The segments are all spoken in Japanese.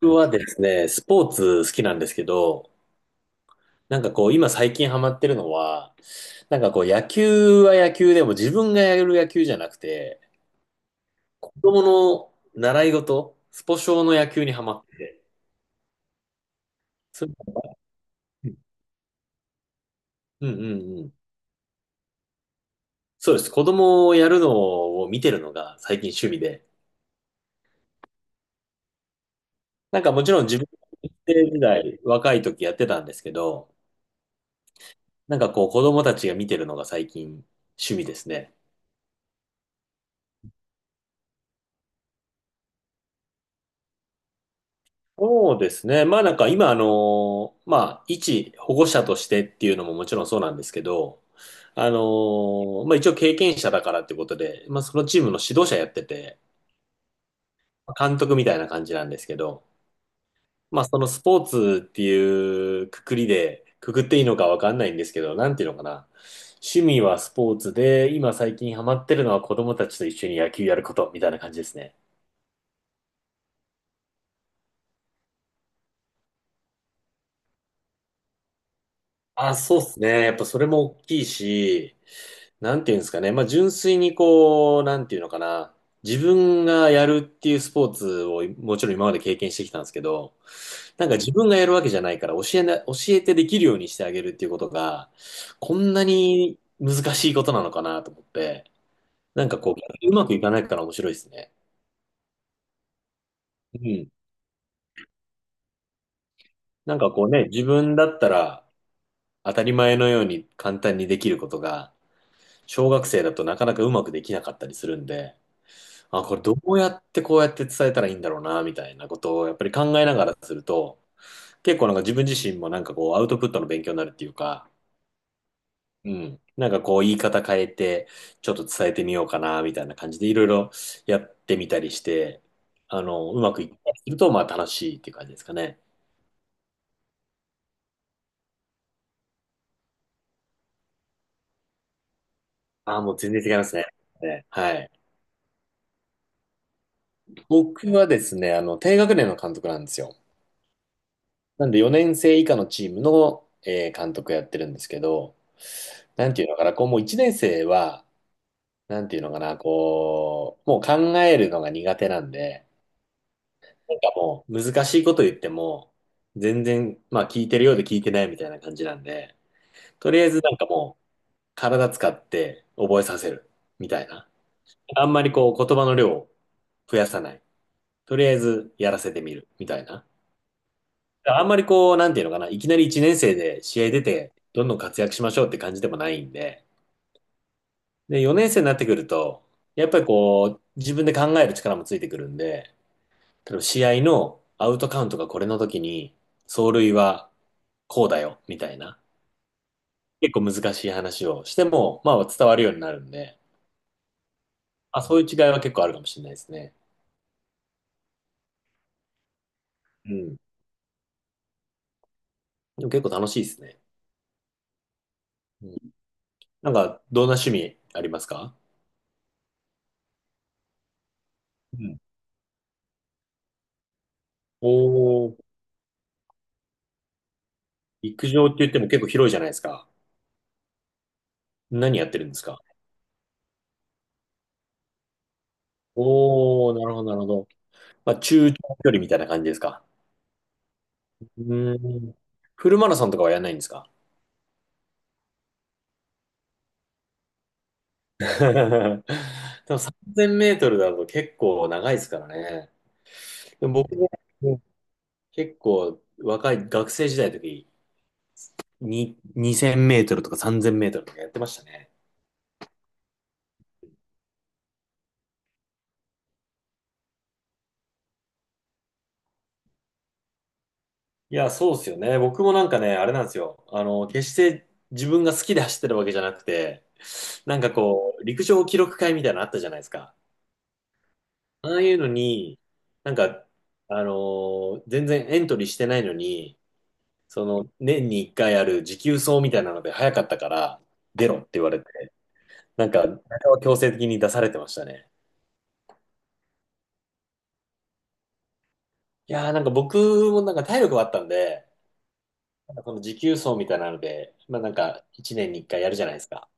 僕はですね、スポーツ好きなんですけど、なんかこう、今最近ハマってるのは、なんかこう、野球は野球でも自分がやる野球じゃなくて、子供の習い事、スポ少の野球にハマってて、それうんうんうん。そうです。子供をやるのを見てるのが最近趣味で、なんかもちろん自分、学生時代、若い時やってたんですけど、なんかこう、子供たちが見てるのが最近趣味ですね。そうですね。まあなんか今あの、まあ一保護者としてっていうのももちろんそうなんですけど、あの、まあ一応経験者だからってことで、まあそのチームの指導者やってて、監督みたいな感じなんですけど、まあそのスポーツっていうくくりで、くくっていいのかわかんないんですけど、なんていうのかな。趣味はスポーツで、今最近ハマってるのは子供たちと一緒に野球やることみたいな感じですね。あ、そうですね。やっぱそれも大きいし、なんていうんですかね。まあ、純粋にこう、なんていうのかな。自分がやるっていうスポーツをもちろん今まで経験してきたんですけど、なんか自分がやるわけじゃないから教えてできるようにしてあげるっていうことが、こんなに難しいことなのかなと思って、なんかこう、逆にうまくいかないから面白いですね。うん。なんかこうね、自分だったら当たり前のように簡単にできることが、小学生だとなかなかうまくできなかったりするんで、あ、これどうやってこうやって伝えたらいいんだろうな、みたいなことをやっぱり考えながらすると、結構なんか自分自身もなんかこうアウトプットの勉強になるっていうか、うん。なんかこう言い方変えて、ちょっと伝えてみようかな、みたいな感じでいろいろやってみたりして、あの、うまくいったりすると、まあ楽しいっていう感じですかね。ああ、もう全然違いますね。ね、はい。僕はですね、あの、低学年の監督なんですよ。なんで4年生以下のチームの、監督やってるんですけど、なんていうのかな、こうもう1年生は、なんていうのかな、こう、もう考えるのが苦手なんで、なんかもう難しいこと言っても、全然、まあ聞いてるようで聞いてないみたいな感じなんで、とりあえずなんかもう体使って覚えさせるみたいな。あんまりこう言葉の量を増やさない。とりあえずやらせてみるみたいな。あんまりこう、なんていうのかな、いきなり1年生で試合出て、どんどん活躍しましょうって感じでもないんで、で、4年生になってくると、やっぱりこう、自分で考える力もついてくるんで、例えば試合のアウトカウントがこれの時に、走塁はこうだよ、みたいな、結構難しい話をしても、まあ伝わるようになるんで、あ、そういう違いは結構あるかもしれないですね。うん。でも結構楽しいですね。うん。なんか、どんな趣味ありますか？うん。おー、陸上って言っても結構広いじゃないですか。何やってるんですか？おー、なるほど、なるほど。まあ、中長距離みたいな感じですか。うーん。フルマラソンとかはやらないんですか？ でも3000メートルだと結構長いですからね。でも僕も結構若い学生時代の時に2000メートルとか3000メートルとかやってましたね。いや、そうですよね。僕もなんかね、あれなんですよ。あの、決して自分が好きで走ってるわけじゃなくて、なんかこう、陸上記録会みたいなのあったじゃないですか。ああいうのに、なんか、全然エントリーしてないのに、その、年に一回ある持久走みたいなので早かったから、出ろって言われて、なんか、強制的に出されてましたね。いやーなんか僕もなんか体力はあったんで、なんかこの持久走みたいなので、まあなんか、一年に一回やるじゃないですか。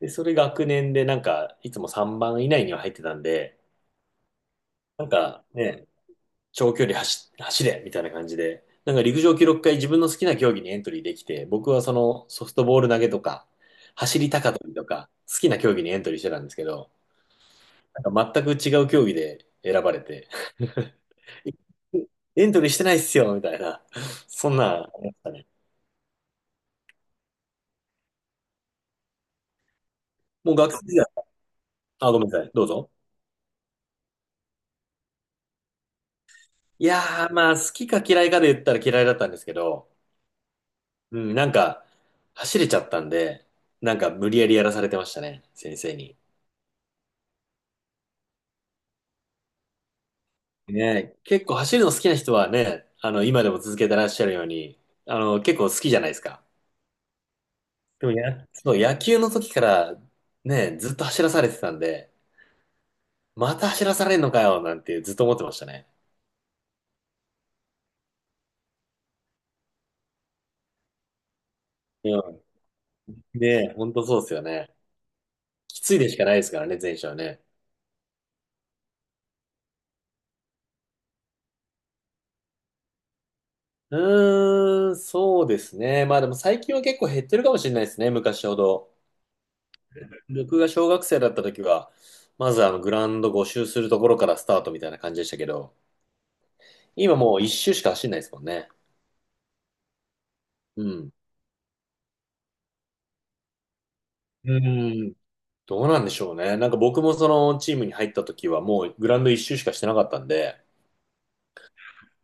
で、それ学年でなんか、いつも3番以内には入ってたんで、なんかね、長距離走、走れみたいな感じで、なんか陸上記録会自分の好きな競技にエントリーできて、僕はそのソフトボール投げとか、走り高跳びとか、好きな競技にエントリーしてたんですけど、なんか全く違う競技で選ばれて、エントリーしてないっすよみたいな、そんなんありましたね。もう学生時代、あ、ごめんなさい、どうぞ。いやー、まあ、好きか嫌いかで言ったら嫌いだったんですけど、うん、なんか、走れちゃったんで、なんか無理やりやらされてましたね、先生に。ね、結構走るの好きな人はね、あの、今でも続けてらっしゃるように、あの、結構好きじゃないですか。でもや、そう、野球の時からね、ずっと走らされてたんで、また走らされんのかよ、なんてずっと思ってましたね。うん。ね、本当そうですよね。きついでしかないですからね、前者はね。うーん、そうですね。まあでも最近は結構減ってるかもしれないですね、昔ほど。僕が小学生だった時は、まずあのグラウンド募周するところからスタートみたいな感じでしたけど、今もう一周しか走んないですもんね。うん。うーん。どうなんでしょうね。なんか僕もそのチームに入った時はもうグラウンド一周しかしてなかったんで、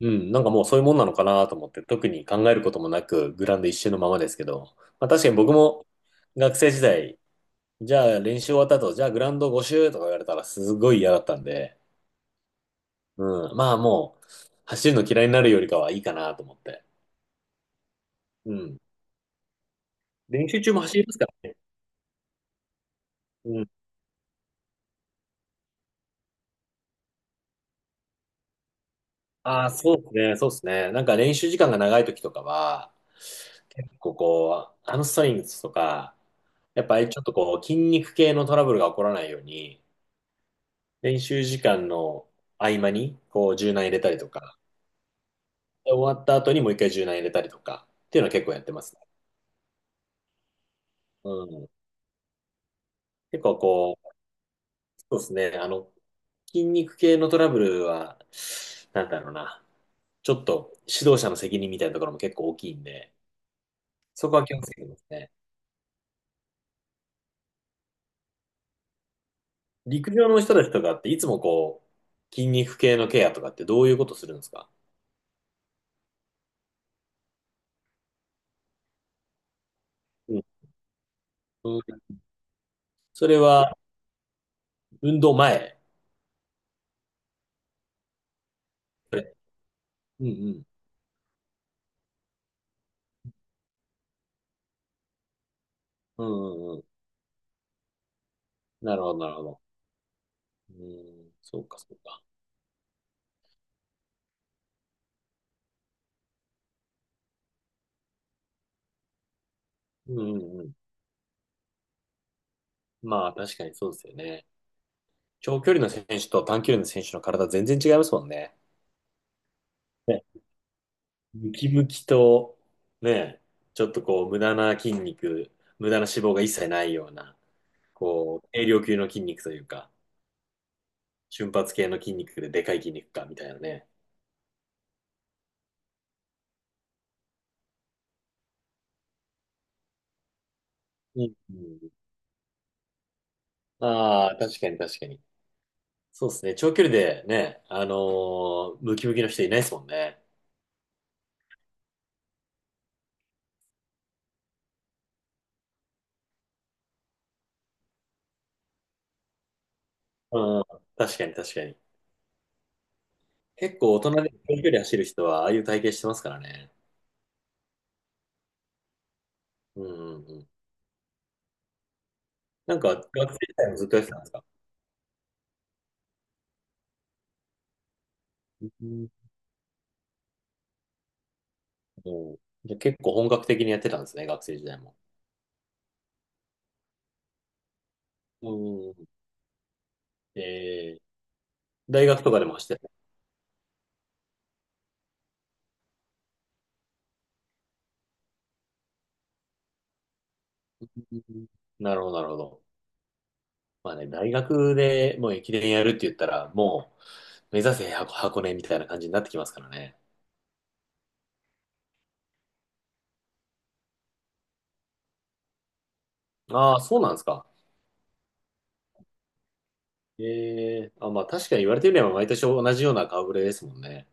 うん、なんかもうそういうもんなのかなと思って特に考えることもなくグラウンド一周のままですけど、まあ確かに僕も学生時代、じゃあ練習終わった後、じゃあグラウンド5周とか言われたらすごい嫌だったんで、うん、まあもう走るの嫌いになるよりかはいいかなと思って。うん。練習中も走りますからね。うん、ああ、そうですね、そうですね。なんか練習時間が長い時とかは、結構こう、ハムストリングスとか、やっぱりちょっとこう、筋肉系のトラブルが起こらないように、練習時間の合間に、こう、柔軟入れたりとか、で終わった後にもう一回柔軟入れたりとか、っていうのは結構やってますね。うん。結構こう、そうですね、あの、筋肉系のトラブルは、なんだろうな、ちょっと指導者の責任みたいなところも結構大きいんで、そこは気をつけてますね。陸上の人たちとかっていつもこう、筋肉系のケアとかってどういうことするんですか？うんうん、それは運動前？それうんうん。うんうんうん。なるほど、なるほど。うん、そうか、そうか。うんうんうん。まあ、確かにそうですよね。長距離の選手と短距離の選手の体全然違いますもんね。ね、ムキムキと、ね、ちょっとこう、無駄な筋肉、無駄な脂肪が一切ないような、こう、軽量級の筋肉というか。瞬発系の筋肉ででかい筋肉か、みたいなね。うん。うん。ああ、確かに確かに。そうですね。長距離でね、ムキムキの人いないですもんね。うん。確かに確かに。結構大人で長距離走る人は、ああいう体型してますからね。うんうんうん。なんか、学生時代もずっとやってたんですか？うんうん。じゃあ結構本格的にやってたんですね、学生時代も。うん。えー、大学とかでも走ってた？うん、なるほど、なるほど。まあね、大学でもう駅伝やるって言ったら、もう、目指せ箱根みたいな感じになってきますからね。ああ、そうなんですか。ええ、あ、まあ確かに言われてみれば毎年同じような顔ぶれですもんね。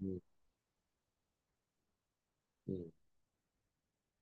うん。うん